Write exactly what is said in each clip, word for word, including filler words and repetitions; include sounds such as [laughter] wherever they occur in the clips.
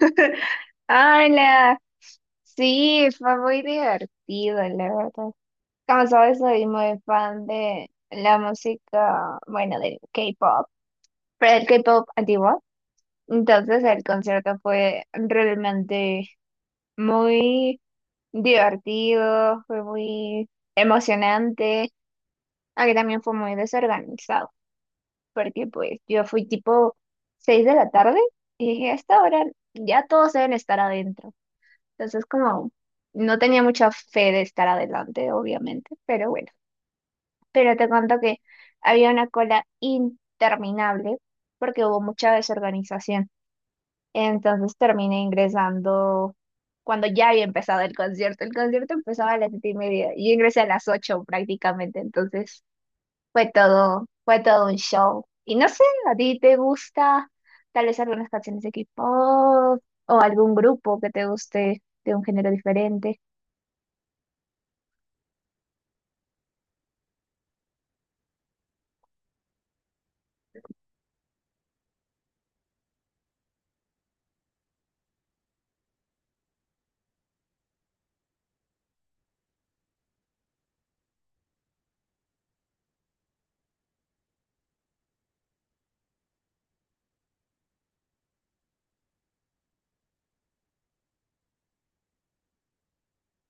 [laughs] Hola, sí, fue muy divertido, la verdad. Como sabes, soy muy fan de la música, bueno, del K-pop, pero el K-pop antiguo. Entonces el concierto fue realmente muy divertido, fue muy emocionante, aunque también fue muy desorganizado, porque pues yo fui tipo seis de la tarde y dije, a esta hora ya todos deben estar adentro. Entonces, como no tenía mucha fe de estar adelante, obviamente, pero bueno. Pero te cuento que había una cola interminable porque hubo mucha desorganización. Entonces terminé ingresando cuando ya había empezado el concierto. El concierto empezaba a las siete y media. y Yo ingresé a las ocho prácticamente. Entonces fue todo, fue todo un show. Y no sé, ¿a ti te gusta tal vez algunas canciones de K-pop o algún grupo que te guste de un género diferente?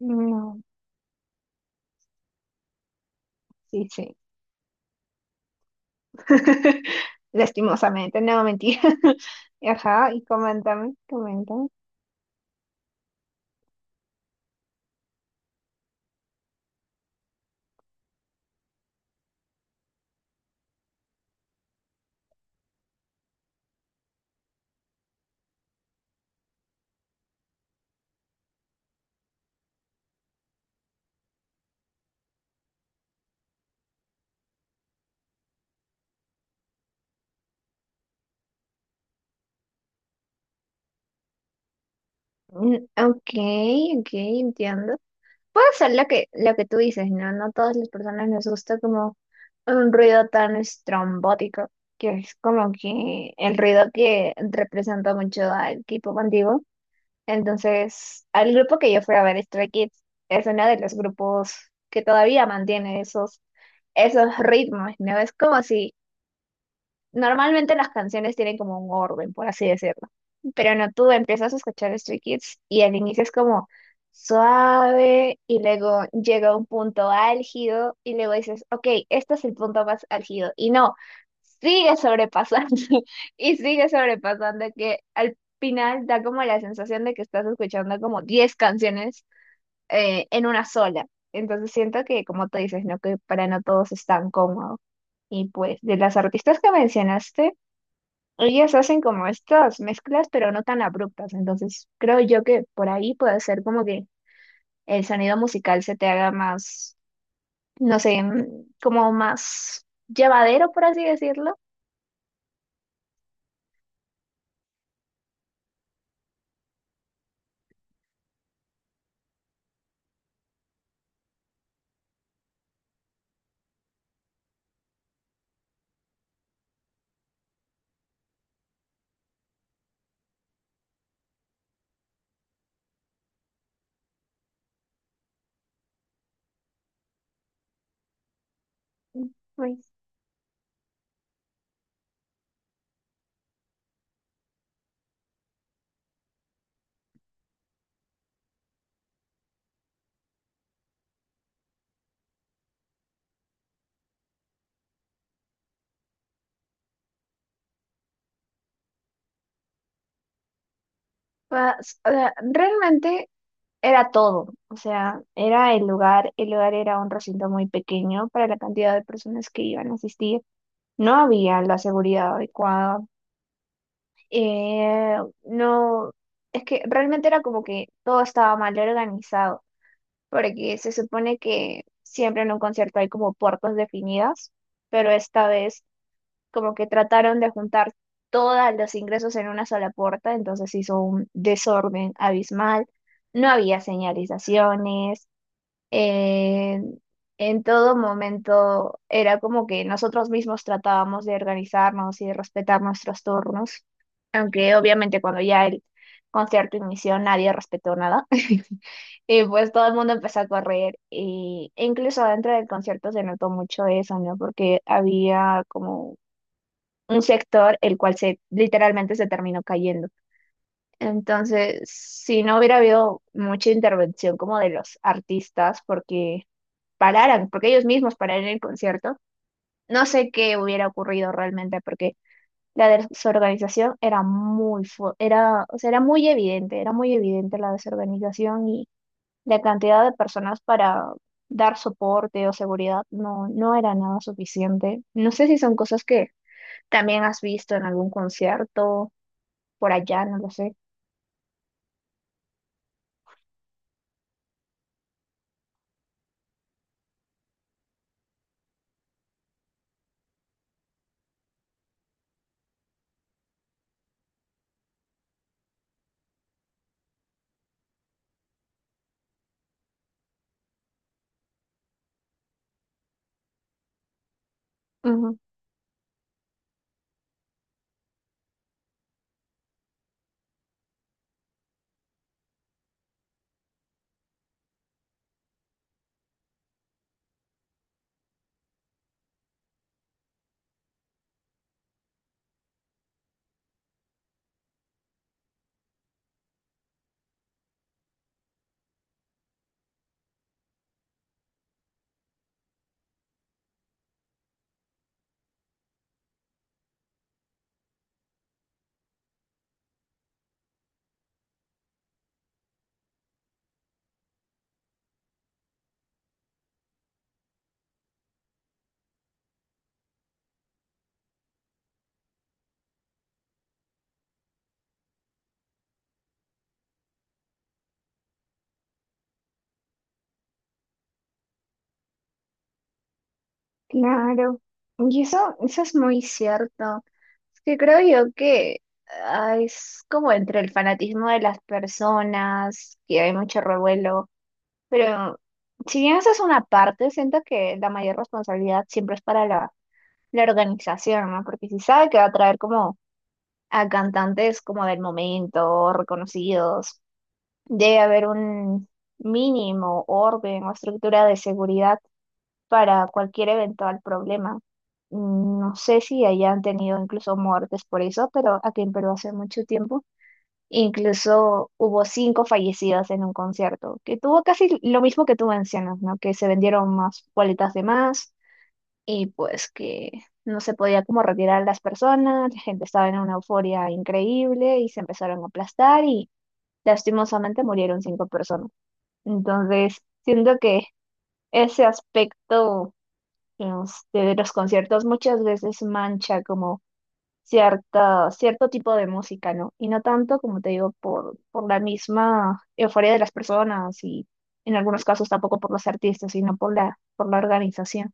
No, sí, sí. [laughs] Lastimosamente, no, mentira. [laughs] Ajá, y coméntame, coméntame. Mm, ok, ok, entiendo. Puede ser lo que, lo que tú dices, ¿no? No todas las personas nos gusta como un ruido tan estrombótico, que es como que el ruido que representa mucho al equipo antiguo. Entonces, al grupo que yo fui a ver, Stray Kids, es uno de los grupos que todavía mantiene esos, esos ritmos, ¿no? Es como si normalmente las canciones tienen como un orden, por así decirlo. Pero no, tú empiezas a escuchar Stray Kids y al inicio es como suave y luego llega un punto álgido y luego dices, ok, este es el punto más álgido. Y no, sigue sobrepasando [laughs] y sigue sobrepasando que al final da como la sensación de que estás escuchando como diez canciones eh, en una sola. Entonces siento que, como tú dices, ¿no? Que para no todos es tan cómodo. Y pues, de las artistas que mencionaste, ellas hacen como estas mezclas, pero no tan abruptas. Entonces, creo yo que por ahí puede ser como que el sonido musical se te haga más, no sé, mm, como más llevadero, por así decirlo. Mm, pues, más- o sea, realmente era todo. O sea, era el lugar, el lugar era un recinto muy pequeño para la cantidad de personas que iban a asistir. No había la seguridad adecuada. eh, no, es que realmente era como que todo estaba mal organizado, porque se supone que siempre en un concierto hay como puertas definidas, pero esta vez como que trataron de juntar todos los ingresos en una sola puerta, entonces hizo un desorden abismal. No había señalizaciones, eh, en todo momento era como que nosotros mismos tratábamos de organizarnos y de respetar nuestros turnos, aunque obviamente cuando ya el concierto inició nadie respetó nada. [laughs] Y pues todo el mundo empezó a correr y e incluso dentro del concierto se notó mucho eso, ¿no? Porque había como un sector el cual se literalmente se terminó cayendo. Entonces, si no hubiera habido mucha intervención como de los artistas, porque pararan, porque ellos mismos pararon el concierto, no sé qué hubiera ocurrido realmente, porque la desorganización era muy, fu- era, o sea, era muy evidente, era muy evidente la desorganización y la cantidad de personas para dar soporte o seguridad no, no era nada suficiente. No sé si son cosas que también has visto en algún concierto, por allá, no lo sé. Claro, y eso, eso es muy cierto. Es que creo yo que ah, es como entre el fanatismo de las personas, que hay mucho revuelo, pero si bien esa es una parte, siento que la mayor responsabilidad siempre es para la, la organización, ¿no? Porque si sabe que va a traer como a cantantes como del momento, reconocidos, debe haber un mínimo orden o estructura de seguridad para cualquier eventual problema. Mm, no sé si hayan tenido incluso muertes por eso, pero aquí en Perú hace mucho tiempo incluso hubo cinco fallecidas en un concierto, que tuvo casi lo mismo que tú mencionas, ¿no? Que se vendieron más boletas de más y pues que no se podía como retirar a las personas, la gente estaba en una euforia increíble y se empezaron a aplastar y lastimosamente murieron cinco personas. Entonces, siento que ese aspecto este, de los conciertos muchas veces mancha como cierta, cierto tipo de música, ¿no? Y no tanto, como te digo, por, por la misma euforia de las personas y en algunos casos tampoco por los artistas, sino por la, por la organización.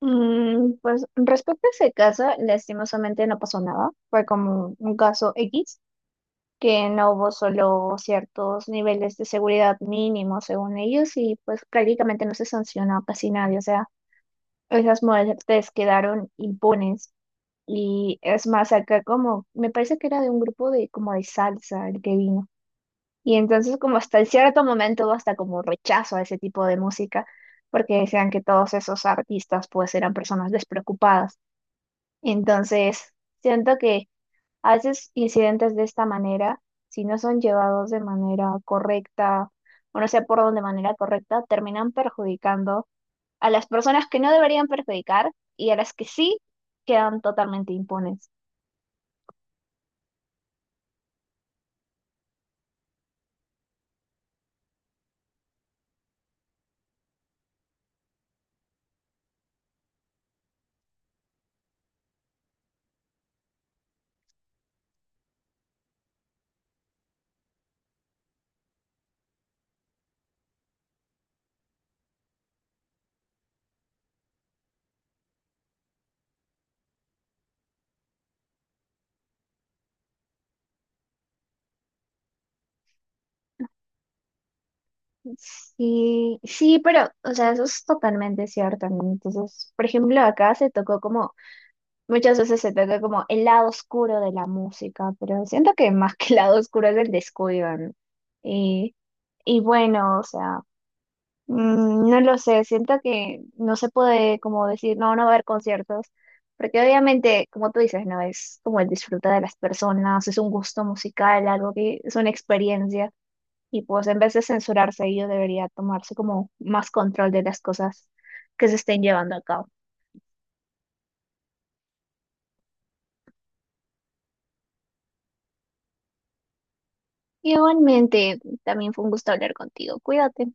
Mm, pues respecto a ese caso, lastimosamente no pasó nada. Fue como un caso X, que no hubo solo ciertos niveles de seguridad mínimos según ellos y pues prácticamente no se sancionó a casi nadie. O sea, esas modalidades quedaron impunes. Y es más, acá como, me parece que era de un grupo de como de salsa el que vino. Y entonces como hasta en cierto momento hubo hasta como rechazo a ese tipo de música, porque decían que todos esos artistas pues eran personas despreocupadas. Entonces, siento que a veces incidentes de esta manera, si no son llevados de manera correcta, o no sé por dónde manera correcta, terminan perjudicando a las personas que no deberían perjudicar y a las que sí quedan totalmente impunes. Sí, sí, pero, o sea, eso es totalmente cierto, ¿no? Entonces, por ejemplo, acá se tocó como, muchas veces se toca como el lado oscuro de la música, pero siento que más que el lado oscuro es el descuido, ¿no? Y, y bueno, o sea. Mm, no lo sé, siento que no se puede como decir, no, no va a haber conciertos, porque obviamente, como tú dices, no es como el disfrutar de las personas, es un gusto musical, algo que es una experiencia, y pues en vez de censurarse, ello debería tomarse como más control de las cosas que se estén llevando a cabo. Igualmente, también fue un gusto hablar contigo, cuídate.